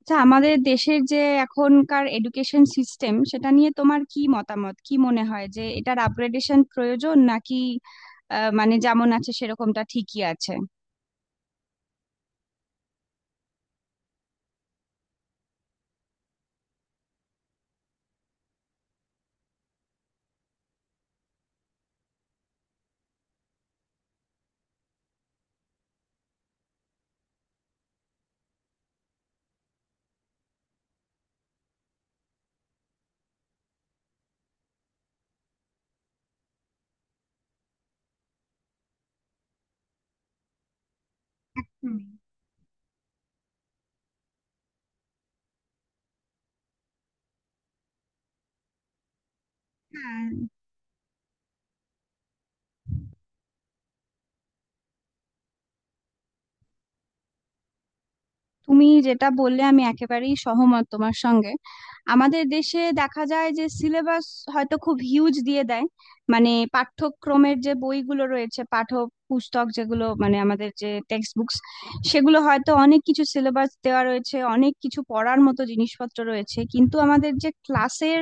আচ্ছা, আমাদের দেশের যে এখনকার এডুকেশন সিস্টেম সেটা নিয়ে তোমার কি মতামত? কি মনে হয় যে এটার আপগ্রেডেশন প্রয়োজন, নাকি মানে যেমন আছে সেরকমটা ঠিকই আছে? হুম। হ্যাঁ, তুমি যেটা বললে আমি একেবারেই সহমত তোমার সঙ্গে। আমাদের দেশে দেখা যায় যে সিলেবাস হয়তো খুব হিউজ দিয়ে দেয়, মানে পাঠ্যক্রমের যে বইগুলো রয়েছে, পাঠ্য পুস্তক যেগুলো, মানে আমাদের যে টেক্সট বুকস, সেগুলো হয়তো অনেক কিছু সিলেবাস দেওয়া রয়েছে, অনেক কিছু পড়ার মতো জিনিসপত্র রয়েছে, কিন্তু আমাদের যে ক্লাসের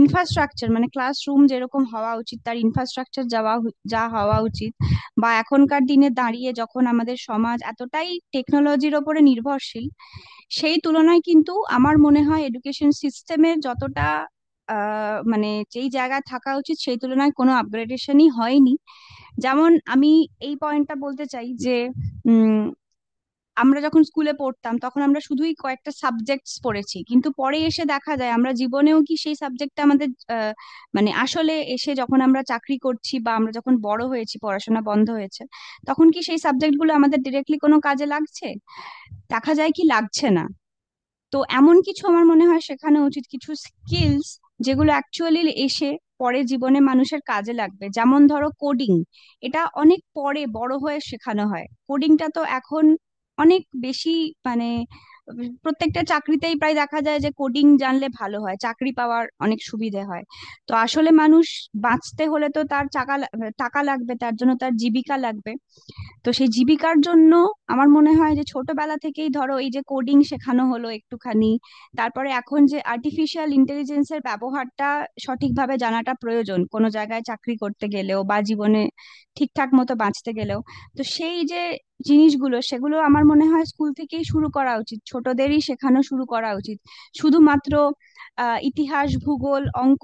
ইনফ্রাস্ট্রাকচার, মানে ক্লাসরুম যেরকম হওয়া উচিত, তার ইনফ্রাস্ট্রাকচার যাওয়া যা হওয়া উচিত, বা এখনকার দিনে দাঁড়িয়ে যখন আমাদের সমাজ এতটাই টেকনোলজির ওপরে নির্ভরশীল, সেই তুলনায় কিন্তু আমার মনে হয় এডুকেশন সিস্টেমের যতটা মানে যেই জায়গায় থাকা উচিত সেই তুলনায় কোনো আপগ্রেডেশনই হয়নি। যেমন আমি এই পয়েন্টটা বলতে চাই যে উম আমরা যখন স্কুলে পড়তাম তখন আমরা শুধুই কয়েকটা সাবজেক্টস পড়েছি, কিন্তু পরে এসে দেখা যায় আমরা জীবনেও কি সেই সাবজেক্টটা আমাদের আহ, মানে আসলে এসে যখন আমরা চাকরি করছি বা আমরা যখন বড় হয়েছি, পড়াশোনা বন্ধ হয়েছে, তখন কি সেই সাবজেক্টগুলো আমাদের ডিরেক্টলি কোনো কাজে লাগছে? দেখা যায় কি লাগছে না। তো এমন কিছু আমার মনে হয় শেখানো উচিত, কিছু স্কিলস যেগুলো অ্যাকচুয়ালি এসে পরে জীবনে মানুষের কাজে লাগবে। যেমন ধরো কোডিং, এটা অনেক পরে বড় হয়ে শেখানো হয়। কোডিংটা তো এখন অনেক বেশি মানে প্রত্যেকটা চাকরিতেই প্রায় দেখা যায় যে কোডিং জানলে ভালো হয়, চাকরি পাওয়ার অনেক সুবিধে হয়। তো আসলে মানুষ বাঁচতে হলে তো তার টাকা টাকা লাগবে, তার জন্য তার জীবিকা লাগবে। তো সেই জীবিকার জন্য আমার মনে হয় যে ছোটবেলা থেকেই ধরো এই যে কোডিং শেখানো হলো একটুখানি, তারপরে এখন যে আর্টিফিশিয়াল ইন্টেলিজেন্সের ব্যবহারটা সঠিকভাবে জানাটা প্রয়োজন, কোনো জায়গায় চাকরি করতে গেলেও বা জীবনে ঠিকঠাক মতো বাঁচতে গেলেও। তো সেই যে জিনিসগুলো সেগুলো আমার মনে হয় স্কুল থেকেই শুরু করা উচিত, ছোটদেরই শেখানো শুরু করা উচিত। শুধুমাত্র ইতিহাস, ভূগোল, অঙ্ক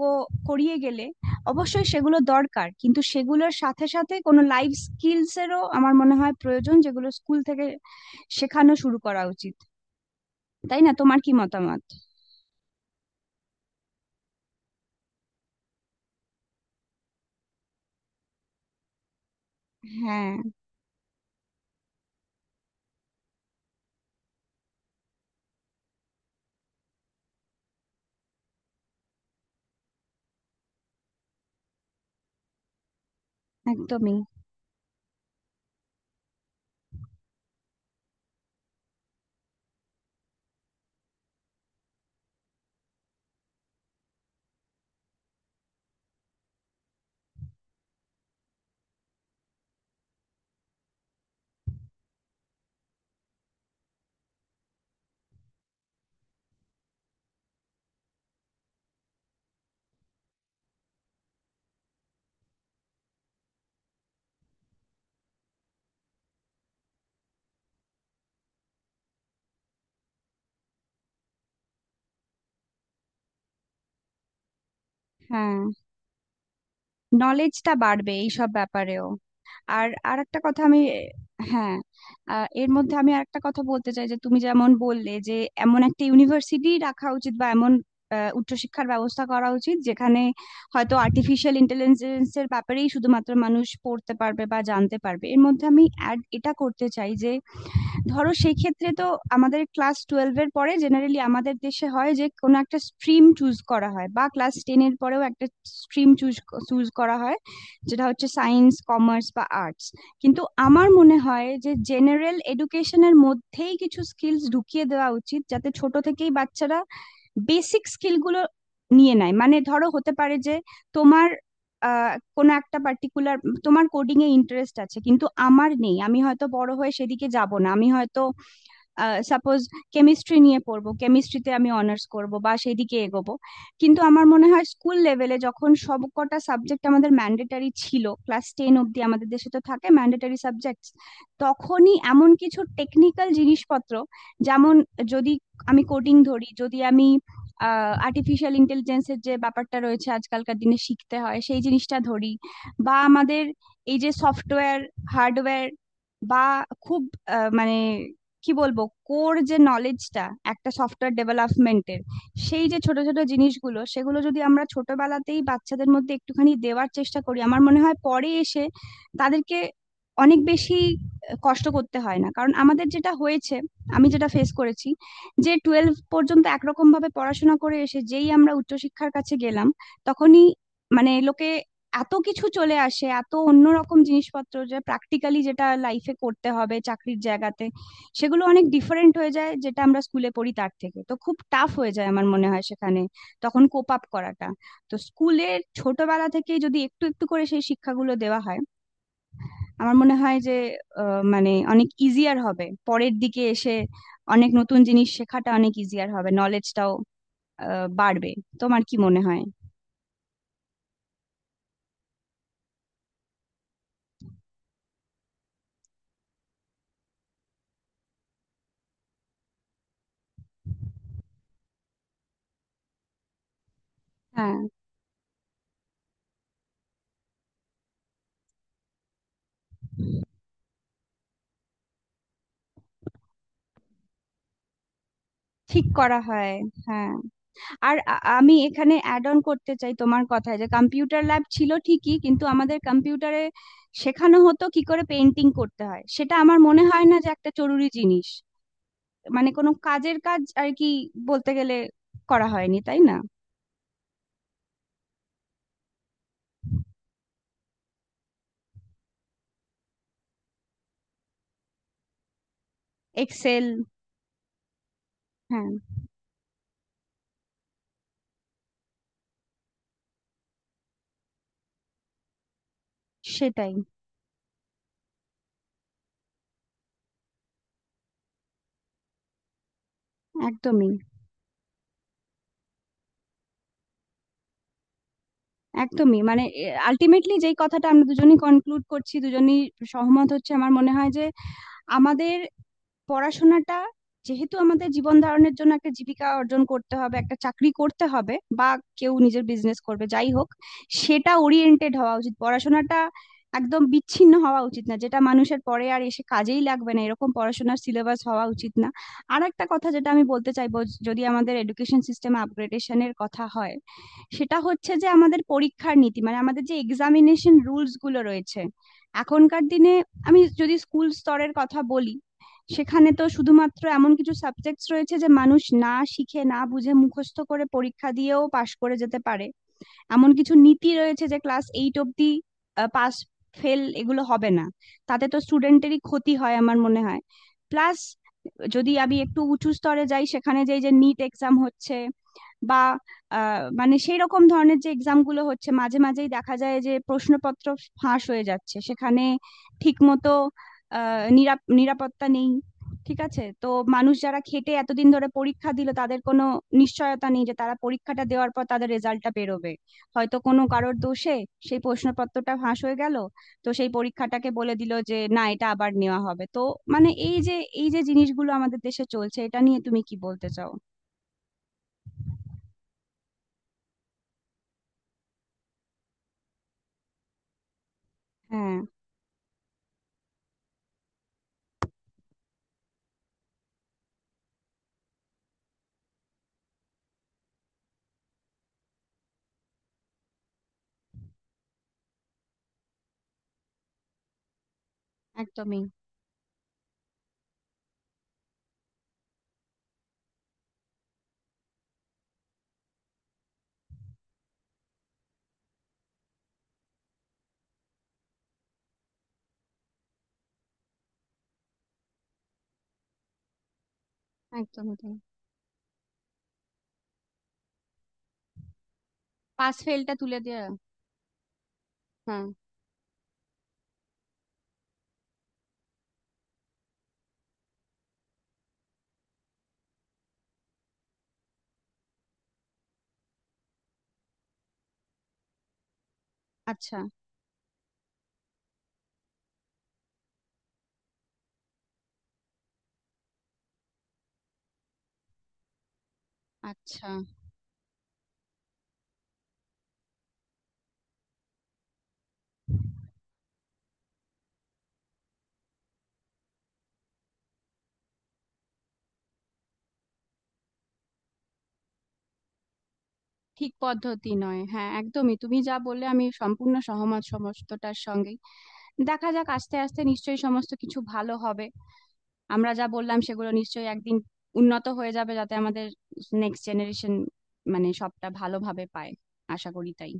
করিয়ে গেলে, অবশ্যই সেগুলো দরকার, কিন্তু সেগুলোর সাথে সাথে কোনো লাইফ স্কিলস এরও আমার মনে হয় প্রয়োজন, যেগুলো স্কুল থেকে শেখানো শুরু করা উচিত। তাই না, তোমার কি মতামত? হ্যাঁ, একদমই। হ্যাঁ, নলেজটা বাড়বে এইসব ব্যাপারেও। আর আর একটা কথা আমি হ্যাঁ এর মধ্যে আমি আরেকটা কথা বলতে চাই যে তুমি যেমন বললে যে এমন একটা ইউনিভার্সিটি রাখা উচিত বা এমন উচ্চশিক্ষার ব্যবস্থা করা উচিত যেখানে হয়তো আর্টিফিশিয়াল ইন্টেলিজেন্সের ব্যাপারেই শুধুমাত্র মানুষ পড়তে পারবে বা জানতে পারবে। এর মধ্যে আমি অ্যাড এটা করতে চাই যে ধরো সেই ক্ষেত্রে তো আমাদের ক্লাস টুয়েলভ এর পরে জেনারেলি আমাদের দেশে হয় যে কোনো একটা স্ট্রিম চুজ করা হয়, বা ক্লাস টেন এর পরেও একটা স্ট্রিম চুজ চুজ করা হয়, যেটা হচ্ছে সায়েন্স, কমার্স বা আর্টস। কিন্তু আমার মনে হয় যে জেনারেল এডুকেশনের মধ্যেই কিছু স্কিলস ঢুকিয়ে দেওয়া উচিত, যাতে ছোট থেকেই বাচ্চারা বেসিক স্কিলগুলো নিয়ে নেয়। মানে ধরো হতে পারে যে তোমার কোনো একটা পার্টিকুলার তোমার কোডিং এ ইন্টারেস্ট আছে, কিন্তু আমার নেই, আমি হয়তো বড় হয়ে সেদিকে যাব না, আমি হয়তো সাপোজ কেমিস্ট্রি নিয়ে পড়বো, কেমিস্ট্রিতে আমি অনার্স করব বা সেই দিকে এগোবো। কিন্তু আমার মনে হয় স্কুল লেভেলে যখন সবকটা সাবজেক্ট আমাদের ম্যান্ডেটারি ছিল, ক্লাস টেন অব্দি আমাদের দেশে তো থাকে ম্যান্ডেটারি সাবজেক্ট, তখনই এমন কিছু টেকনিক্যাল জিনিসপত্র যেমন যদি আমি কোডিং ধরি, যদি আমি আর্টিফিশিয়াল ইন্টেলিজেন্সের যে ব্যাপারটা রয়েছে আজকালকার দিনে শিখতে হয় সেই জিনিসটা ধরি, বা আমাদের এই যে সফটওয়্যার, হার্ডওয়্যার বা খুব মানে কি বলবো, কোর যে নলেজটা একটা সফটওয়্যার ডেভেলপমেন্টের, সেই যে ছোট ছোট জিনিসগুলো সেগুলো যদি আমরা ছোটবেলাতেই বাচ্চাদের মধ্যে একটুখানি দেওয়ার চেষ্টা করি, আমার মনে হয় পরে এসে তাদেরকে অনেক বেশি কষ্ট করতে হয় না। কারণ আমাদের যেটা হয়েছে, আমি যেটা ফেস করেছি, যে টুয়েলভ পর্যন্ত একরকম ভাবে পড়াশোনা করে এসে যেই আমরা উচ্চশিক্ষার কাছে গেলাম, তখনই মানে লোকে এত কিছু চলে আসে, এত অন্যরকম জিনিসপত্র যে প্র্যাকটিক্যালি যেটা লাইফে করতে হবে চাকরির জায়গাতে, সেগুলো অনেক ডিফারেন্ট হয়ে যায় যেটা আমরা স্কুলে পড়ি তার থেকে, তো খুব টাফ হয়ে যায় আমার মনে হয় সেখানে তখন কোপ আপ করাটা। তো স্কুলের ছোটবেলা থেকে যদি একটু একটু করে সেই শিক্ষাগুলো দেওয়া হয় আমার মনে হয় যে মানে অনেক ইজিয়ার হবে পরের দিকে এসে, অনেক নতুন জিনিস শেখাটা অনেক ইজিয়ার হবে, নলেজটাও বাড়বে। তোমার কি মনে হয়? হ্যাঁ, ঠিক করা হয়। হ্যাঁ, আর আমি এখানে অ্যাড অন করতে চাই তোমার কথায় যে কম্পিউটার ল্যাব ছিল ঠিকই, কিন্তু আমাদের কম্পিউটারে শেখানো হতো কি করে পেন্টিং করতে হয়, সেটা আমার মনে হয় না যে একটা জরুরি জিনিস। মানে কোনো কাজের কাজ আর কি বলতে গেলে করা হয়নি, তাই না? এক্সেল। হ্যাঁ, সেটাই। একদমই। একদমই মানে আলটিমেটলি যেই কথাটা আমরা দুজনই কনক্লুড করছি, দুজনই সহমত হচ্ছে আমার মনে হয় যে আমাদের পড়াশোনাটা, যেহেতু আমাদের জীবন ধারণের জন্য একটা জীবিকা অর্জন করতে হবে, একটা চাকরি করতে হবে বা কেউ নিজের বিজনেস করবে যাই হোক, সেটা ওরিয়েন্টেড হওয়া উচিত পড়াশোনাটা। একদম বিচ্ছিন্ন হওয়া উচিত না যেটা মানুষের পরে আর এসে কাজেই লাগবে না, এরকম পড়াশোনার সিলেবাস হওয়া উচিত না। আর একটা কথা যেটা আমি বলতে চাইবো, যদি আমাদের এডুকেশন সিস্টেম আপগ্রেডেশনের কথা হয়, সেটা হচ্ছে যে আমাদের পরীক্ষার নীতি, মানে আমাদের যে এক্সামিনেশন রুলস গুলো রয়েছে এখনকার দিনে। আমি যদি স্কুল স্তরের কথা বলি, সেখানে তো শুধুমাত্র এমন কিছু সাবজেক্টস রয়েছে যে মানুষ না শিখে না বুঝে মুখস্থ করে পরীক্ষা দিয়েও পাশ করে যেতে পারে। এমন কিছু নীতি রয়েছে যে ক্লাস এইট অব্দি পাস ফেল এগুলো হবে না, তাতে তো স্টুডেন্টেরই ক্ষতি হয় আমার মনে হয়। প্লাস যদি আমি একটু উঁচু স্তরে যাই, সেখানে যে যে নিট এক্সাম হচ্ছে বা মানে সেই রকম ধরনের যে এক্সাম গুলো হচ্ছে, মাঝে মাঝেই দেখা যায় যে প্রশ্নপত্র ফাঁস হয়ে যাচ্ছে সেখানে, ঠিক মতো নিরাপত্তা নেই ঠিক আছে তো। মানুষ যারা খেটে এতদিন ধরে পরীক্ষা দিল তাদের কোনো নিশ্চয়তা নেই যে তারা পরীক্ষাটা দেওয়ার পর তাদের রেজাল্টটা বেরোবে, হয়তো কোনো কারোর দোষে সেই প্রশ্নপত্রটা ফাঁস হয়ে গেল, তো সেই পরীক্ষাটাকে বলে দিল যে না এটা আবার নেওয়া হবে। তো মানে এই যে জিনিসগুলো আমাদের দেশে চলছে এটা নিয়ে তুমি কি বলতে চাও? হ্যাঁ, একদমই। একদমই তাই। পাস ফেলটা তুলে দেওয়া। হ্যাঁ। আচ্ছা। আচ্ছা। ঠিক পদ্ধতি নয়, হ্যাঁ একদমই, তুমি যা বললে আমি সম্পূর্ণ সহমত সমস্তটার সঙ্গেই। দেখা যাক, আস্তে আস্তে নিশ্চয়ই সমস্ত কিছু ভালো হবে, আমরা যা বললাম সেগুলো নিশ্চয়ই একদিন উন্নত হয়ে যাবে, যাতে আমাদের নেক্সট জেনারেশন মানে সবটা ভালোভাবে পায়। আশা করি তাই।